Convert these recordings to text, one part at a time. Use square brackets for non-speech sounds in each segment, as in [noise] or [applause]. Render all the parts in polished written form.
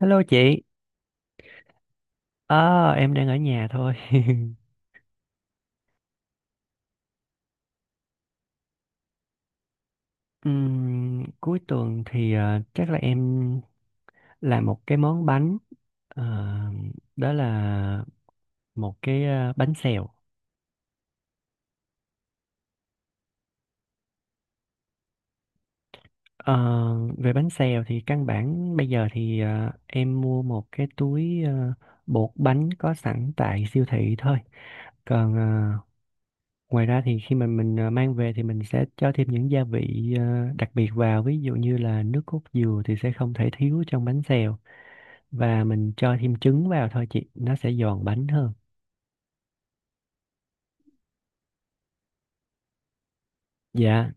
Hello chị, em đang ở nhà thôi. [laughs] Cuối tuần thì chắc là em làm một cái món bánh, Ờ, đó là một cái bánh xèo. Ờ, Về bánh xèo thì căn bản bây giờ thì em mua một cái túi bột bánh có sẵn tại siêu thị thôi. Còn ngoài ra thì khi mà mình mang về thì mình sẽ cho thêm những gia vị đặc biệt vào, ví dụ như là nước cốt dừa thì sẽ không thể thiếu trong bánh xèo. Và mình cho thêm trứng vào thôi chị, nó sẽ giòn bánh hơn. Dạ.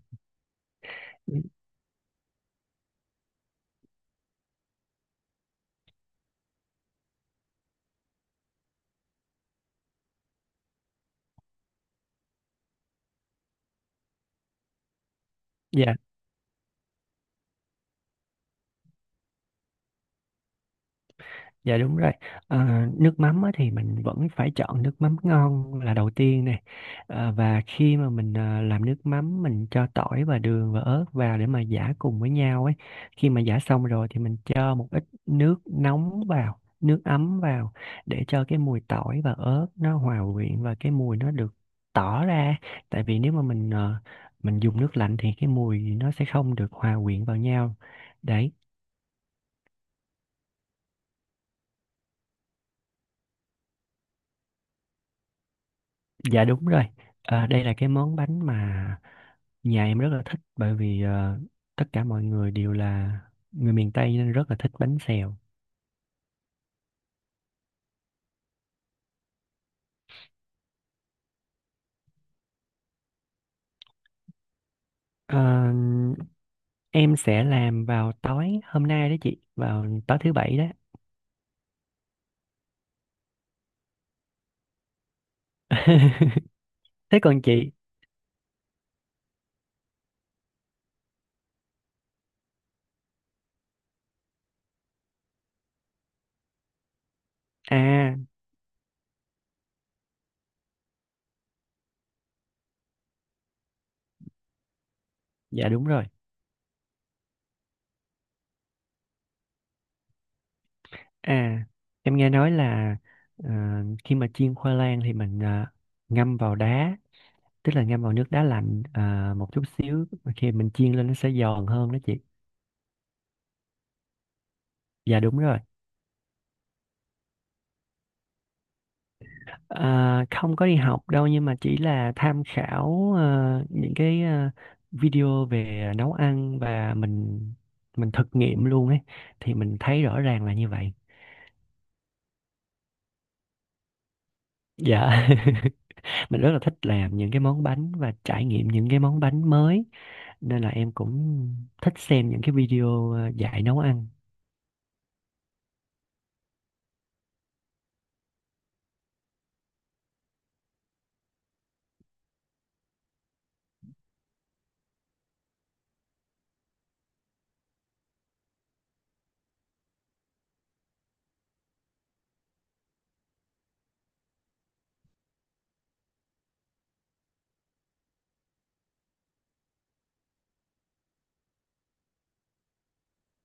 Dạ. Dạ đúng rồi. Ờ, Nước mắm á, thì mình vẫn phải chọn nước mắm ngon là đầu tiên này. Ờ, và khi mà mình làm nước mắm mình cho tỏi và đường và ớt vào để mà giã cùng với nhau ấy. Khi mà giã xong rồi thì mình cho một ít nước nóng vào, nước ấm vào để cho cái mùi tỏi và ớt nó hòa quyện và cái mùi nó được tỏ ra. Tại vì nếu mà mình mình dùng nước lạnh thì cái mùi nó sẽ không được hòa quyện vào nhau. Đấy. Dạ đúng rồi. Đây là cái món bánh mà nhà em rất là thích, bởi vì tất cả mọi người đều là người miền Tây nên rất là thích bánh xèo. Ờ, em sẽ làm vào tối hôm nay đó chị, vào tối thứ bảy đó. [laughs] Thế còn chị? À, dạ đúng rồi. À, em nghe nói là ờ, khi mà chiên khoai lang thì mình ngâm vào đá, tức là ngâm vào nước đá lạnh một chút xíu, khi mình chiên lên nó sẽ giòn hơn đó chị. Dạ đúng rồi. À, không có đi học đâu, nhưng mà chỉ là tham khảo những cái video về nấu ăn và mình thực nghiệm luôn ấy, thì mình thấy rõ ràng là như vậy. Dạ. [laughs] Mình rất là thích làm những cái món bánh và trải nghiệm những cái món bánh mới, nên là em cũng thích xem những cái video dạy nấu ăn.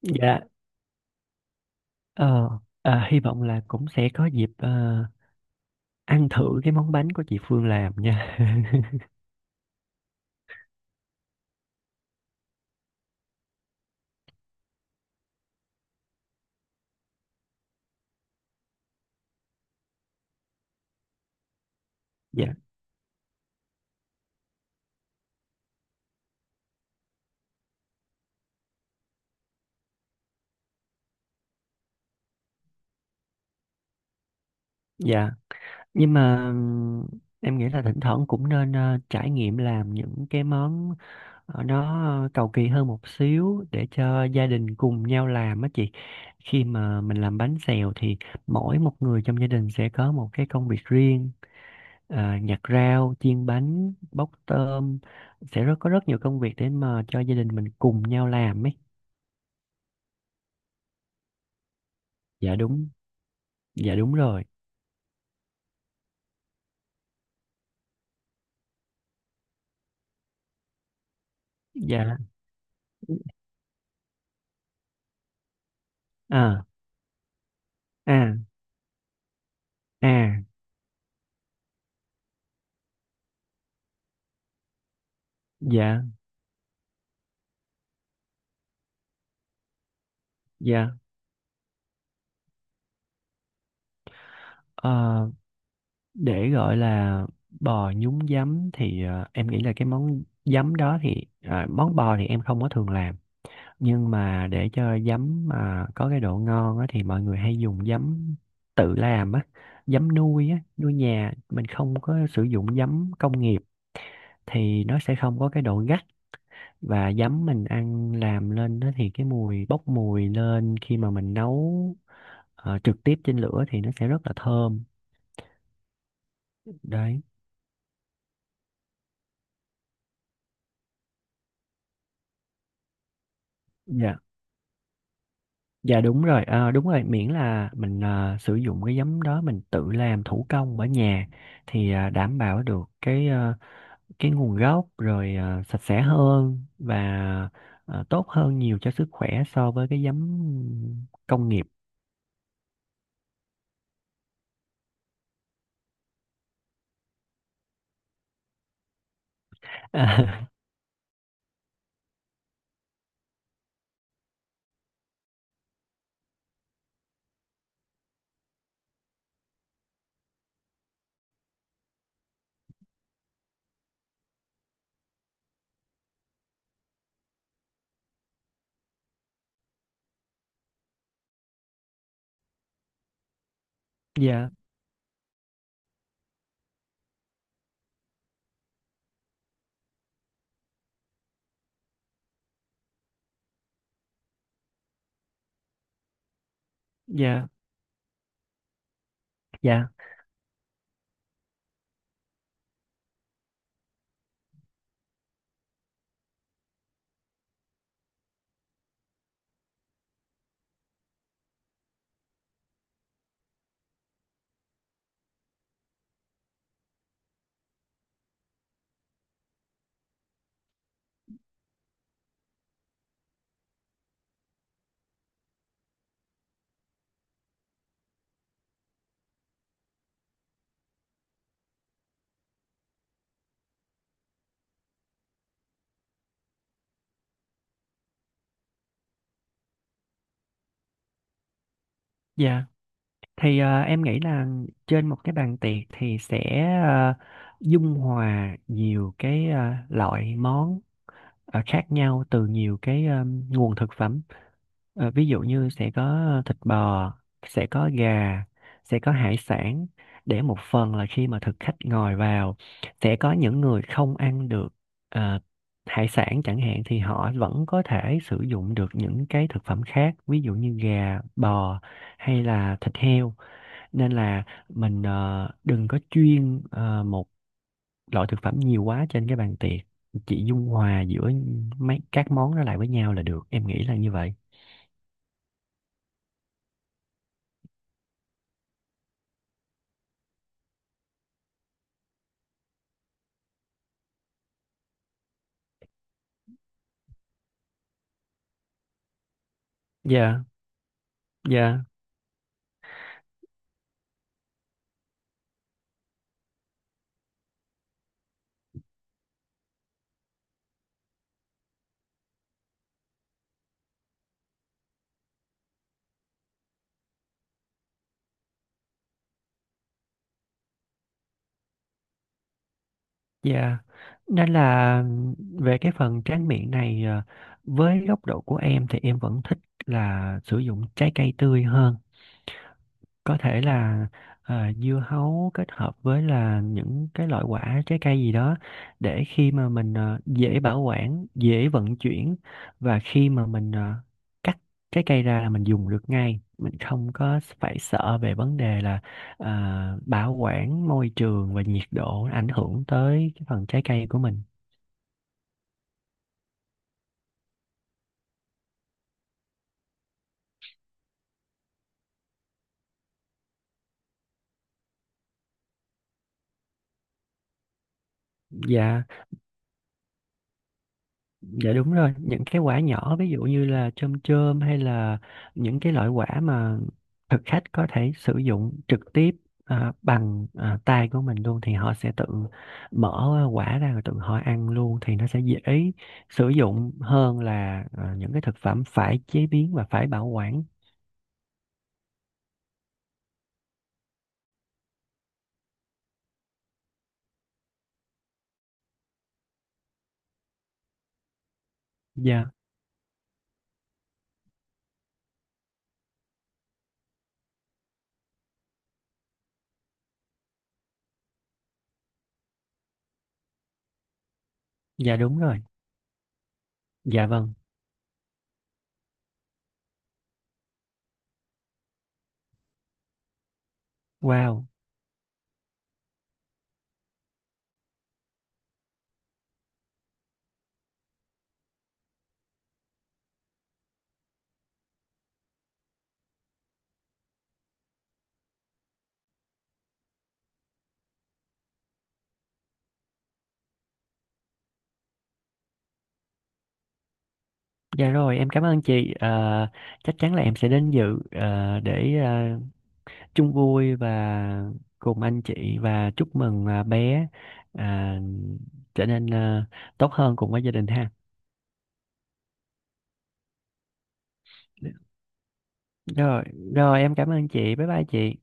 Dạ. Ờ, Hy vọng là cũng sẽ có dịp ăn thử cái món bánh của chị Phương làm nha. [laughs] Dạ. Dạ. Nhưng mà em nghĩ là thỉnh thoảng cũng nên trải nghiệm làm những cái món nó cầu kỳ hơn một xíu để cho gia đình cùng nhau làm á chị. Khi mà mình làm bánh xèo thì mỗi một người trong gia đình sẽ có một cái công việc riêng, nhặt rau, chiên bánh, bóc tôm, sẽ có rất nhiều công việc để mà cho gia đình mình cùng nhau làm ấy. Dạ đúng. Dạ đúng rồi. Dạ. À. À. À. Dạ. Dạ. Ờ, để gọi là bò nhúng giấm thì em nghĩ là cái món giấm đó thì món bò thì em không có thường làm, nhưng mà để cho giấm mà có cái độ ngon á, thì mọi người hay dùng giấm tự làm á, giấm nuôi á, nuôi nhà mình, không có sử dụng giấm công nghiệp thì nó sẽ không có cái độ gắt. Và giấm mình ăn làm lên đó thì cái mùi bốc mùi lên khi mà mình nấu trực tiếp trên lửa thì nó sẽ rất là thơm. Đấy. Dạ. Dạ đúng rồi, đúng rồi, miễn là mình sử dụng cái giấm đó mình tự làm thủ công ở nhà thì đảm bảo được cái cái nguồn gốc rồi, sạch sẽ hơn và tốt hơn nhiều cho sức khỏe so với cái giấm công nghiệp. [laughs] Dạ. Dạ. Dạ. Dạ. Thì em nghĩ là trên một cái bàn tiệc thì sẽ ờ, dung hòa nhiều cái loại món khác nhau từ nhiều cái nguồn thực phẩm. Ví dụ như sẽ có thịt bò, sẽ có gà, sẽ có hải sản, để một phần là khi mà thực khách ngồi vào sẽ có những người không ăn được ờ, hải sản chẳng hạn, thì họ vẫn có thể sử dụng được những cái thực phẩm khác, ví dụ như gà, bò hay là thịt heo. Nên là mình đừng có chuyên một loại thực phẩm nhiều quá trên cái bàn tiệc, chị dung hòa giữa mấy các món đó lại với nhau là được, em nghĩ là như vậy. Dạ. Dạ. Dạ. Nên là về cái phần tráng miệng này với góc độ của em thì em vẫn thích là sử dụng trái cây tươi hơn. Có thể là dưa hấu kết hợp với là những cái loại quả trái cây gì đó, để khi mà mình dễ bảo quản, dễ vận chuyển, và khi mà mình cắt trái cây ra là mình dùng được ngay, mình không có phải sợ về vấn đề là bảo quản môi trường và nhiệt độ ảnh hưởng tới cái phần trái cây của mình. Dạ. Dạ đúng rồi, những cái quả nhỏ ví dụ như là chôm chôm hay là những cái loại quả mà thực khách có thể sử dụng trực tiếp bằng tay của mình luôn, thì họ sẽ tự mở quả ra rồi tự họ ăn luôn, thì nó sẽ dễ sử dụng hơn là những cái thực phẩm phải chế biến và phải bảo quản. Dạ, dạ đúng rồi. Dạ vâng. Wow. Dạ rồi, em cảm ơn chị. Ờ, Chắc chắn là em sẽ đến dự ờ, để ờ, chung vui và cùng anh chị và chúc mừng bé à, trở nên tốt hơn cùng với gia đình ha. Rồi, em cảm ơn chị. Bye bye chị.